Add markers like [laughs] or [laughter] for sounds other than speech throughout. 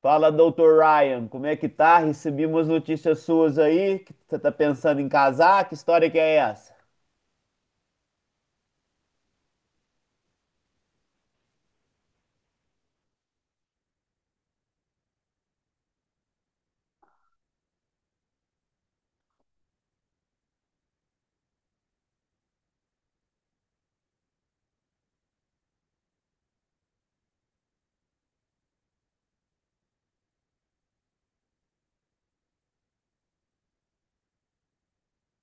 Fala, doutor Ryan, como é que tá? Recebi umas notícias suas aí, que você tá pensando em casar, que história que é essa?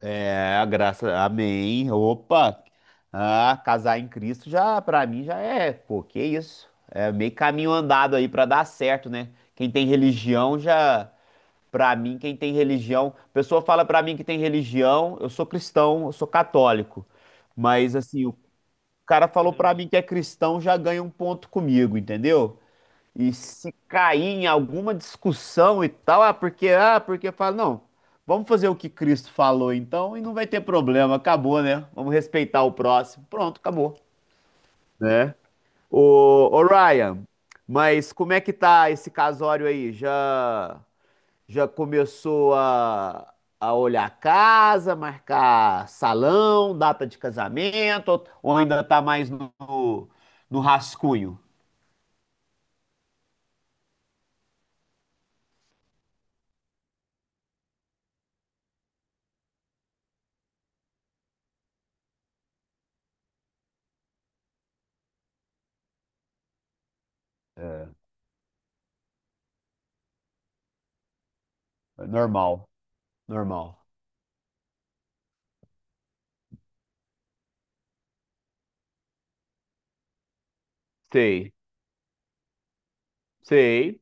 É, graças, amém. Opa, casar em Cristo já, pra mim já é, pô, que isso? É meio caminho andado aí pra dar certo, né? Quem tem religião já, pra mim, quem tem religião, pessoa fala pra mim que tem religião, eu sou cristão, eu sou católico, mas assim, o cara falou pra mim que é cristão, já ganha um ponto comigo, entendeu? E se cair em alguma discussão e tal, ah, porque fala, não, vamos fazer o que Cristo falou então e não vai ter problema, acabou, né? Vamos respeitar o próximo. Pronto, acabou, né? Ô, ô Ryan, mas como é que tá esse casório aí? Já começou a olhar a casa, marcar salão, data de casamento, ou ainda tá mais no, no rascunho? É, normal, normal. Sei. Sei,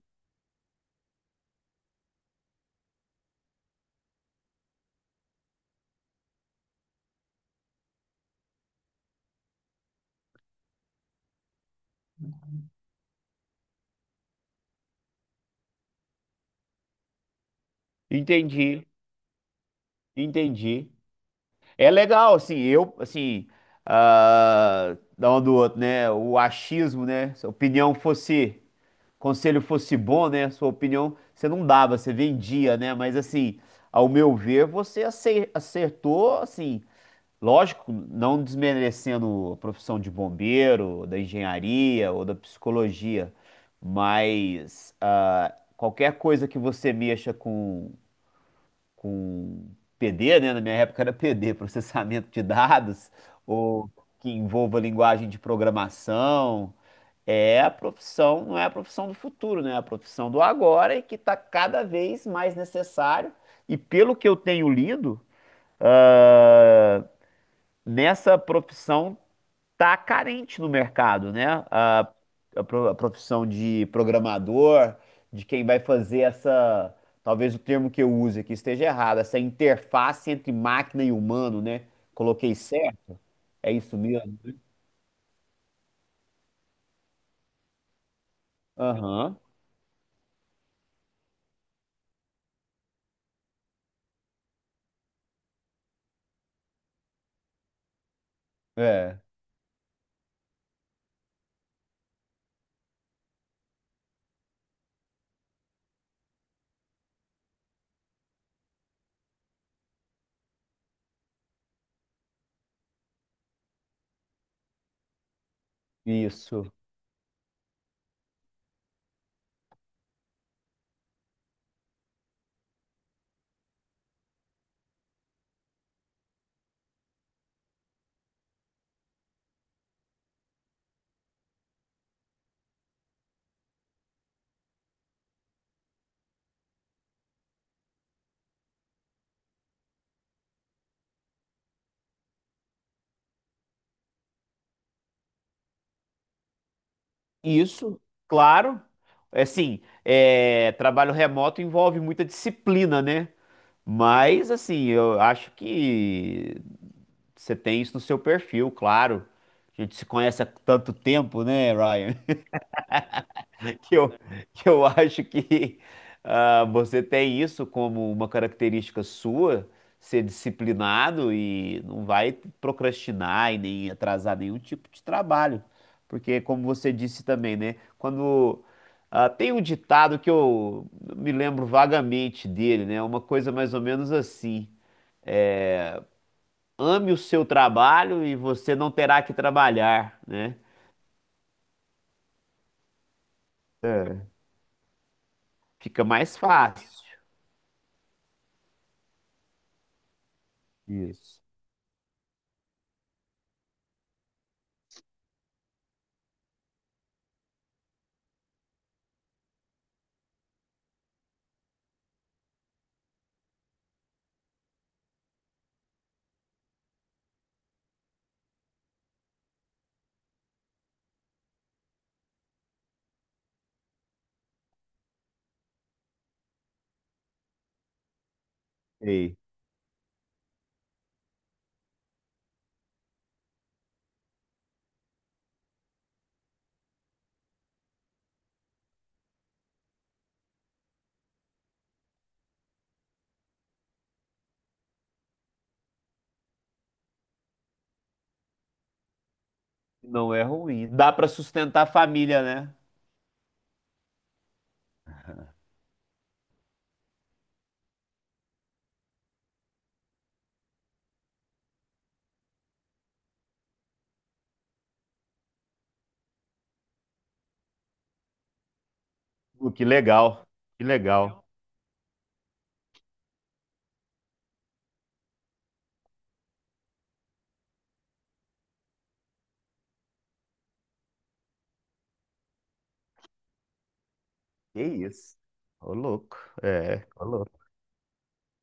entendi, entendi. É legal, assim, eu, assim, ah, da um do outro, né? O achismo, né? Se a opinião fosse, conselho fosse bom, né? Sua opinião você não dava, você vendia, né? Mas, assim, ao meu ver, você acertou, assim, lógico, não desmerecendo a profissão de bombeiro, da engenharia ou da psicologia, mas ah, qualquer coisa que você mexa com com PD, né? Na minha época era PD, [laughs] processamento de dados, ou que envolva linguagem de programação. É a profissão, não é a profissão do futuro, né? É a profissão do agora e que está cada vez mais necessário. E pelo que eu tenho lido, ah, nessa profissão tá carente no mercado, né? A a profissão de programador, de quem vai fazer essa, talvez o termo que eu use aqui esteja errado, essa interface entre máquina e humano, né? Coloquei certo? É isso mesmo? Aham. É, isso. Isso, claro. É assim, é, trabalho remoto envolve muita disciplina, né? Mas, assim, eu acho que você tem isso no seu perfil, claro. A gente se conhece há tanto tempo, né, Ryan? [laughs] Que eu, que eu acho que ah, você tem isso como uma característica sua, ser disciplinado e não vai procrastinar e nem atrasar nenhum tipo de trabalho. Porque, como você disse também, né? Quando, ah, tem um ditado que eu me lembro vagamente dele, né? Uma coisa mais ou menos assim. Ame o seu trabalho e você não terá que trabalhar, né? É, fica mais fácil. Isso. Ei, não é ruim. Dá para sustentar a família, né? Pô, que legal. Que isso. Ô, louco. É, ô louco.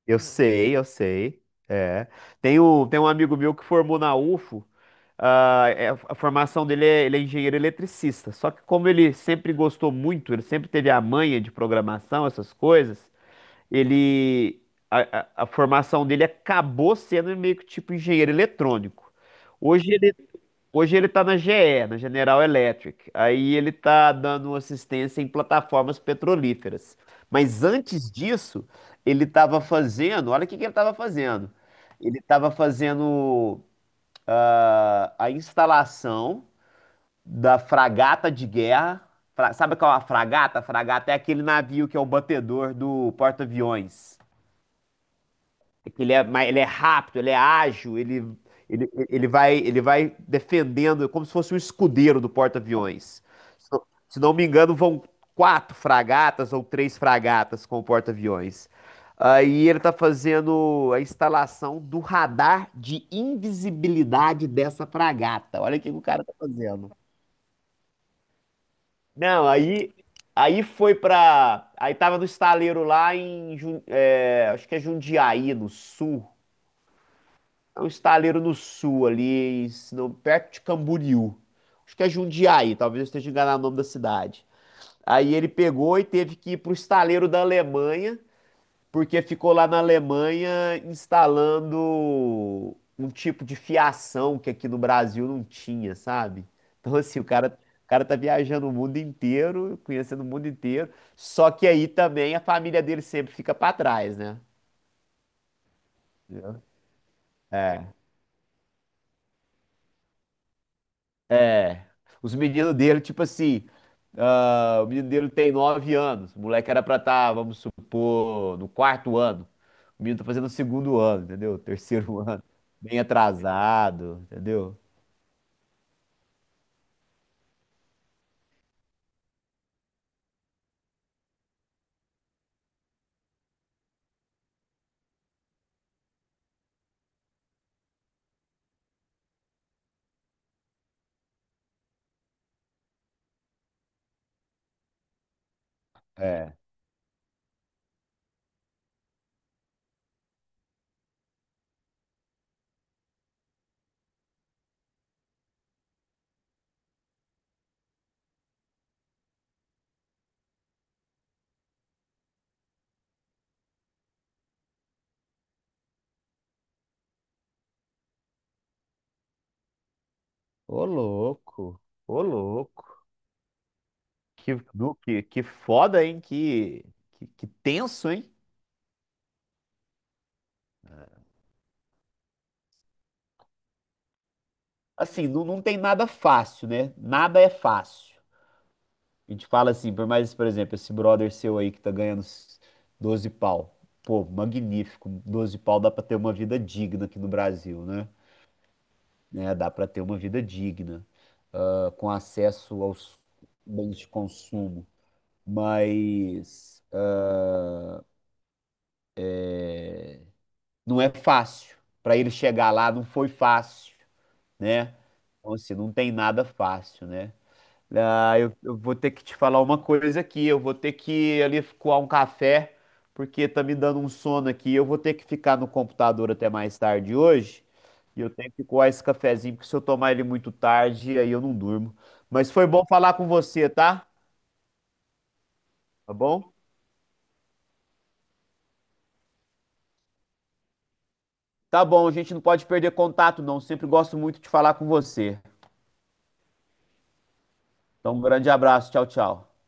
Eu sei. É. Tem um amigo meu que formou na UFO. Ah, é, a formação dele é, ele é engenheiro eletricista. Só que como ele sempre gostou muito, ele sempre teve a manha de programação, essas coisas, ele a, a formação dele acabou sendo meio que tipo engenheiro eletrônico. Hoje ele hoje ele está na GE, na General Electric. Aí ele está dando assistência em plataformas petrolíferas. Mas antes disso, ele estava fazendo, olha o que que ele estava fazendo. Ele estava fazendo ah, a instalação da fragata de guerra. Sabe qual é a fragata? A fragata é aquele navio que é o batedor do porta-aviões. É que ele é, ele é rápido, ele é ágil, ele vai, defendendo como se fosse um escudeiro do porta-aviões. Se não, se não me engano, vão quatro fragatas ou três fragatas com o porta-aviões. Aí ele está fazendo a instalação do radar de invisibilidade dessa fragata. Olha o que o cara tá fazendo. Não, aí foi pra. Aí tava no estaleiro lá em. É, acho que é Jundiaí, no sul. É um estaleiro no sul ali, se não, perto de Camboriú. Acho que é Jundiaí, talvez eu esteja enganado o nome da cidade. Aí ele pegou e teve que ir pro estaleiro da Alemanha, porque ficou lá na Alemanha instalando um tipo de fiação que aqui no Brasil não tinha, sabe? Então assim, o cara tá viajando o mundo inteiro, conhecendo o mundo inteiro, só que aí também a família dele sempre fica pra trás, né? É. Os meninos dele, tipo assim, ah, o menino dele tem 9 anos. O moleque era pra estar, vamos supor, no quarto ano. O menino tá fazendo o segundo ano, entendeu? Terceiro [laughs] ano. Bem atrasado, entendeu? É. Ô louco, ô louco. Que foda, hein? Que tenso, hein? Assim, não tem nada fácil, né? Nada é fácil. A gente fala assim, por mais, por exemplo, esse brother seu aí que tá ganhando 12 pau. Pô, magnífico. 12 pau dá pra ter uma vida digna aqui no Brasil, né? Né, dá pra ter uma vida digna, ah, com acesso aos bens de consumo. Mas ah, não é fácil. Pra ele chegar lá não foi fácil, né? Então, assim, não tem nada fácil, né? Ah, eu vou ter que te falar uma coisa aqui. Eu vou ter que ir ali coar um café, porque tá me dando um sono aqui. Eu vou ter que ficar no computador até mais tarde hoje. E eu tenho que coar esse cafezinho, porque se eu tomar ele muito tarde, aí eu não durmo. Mas foi bom falar com você, tá? Tá bom? Tá bom, a gente não pode perder contato, não. Sempre gosto muito de falar com você. Então, um grande abraço. Tchau, tchau.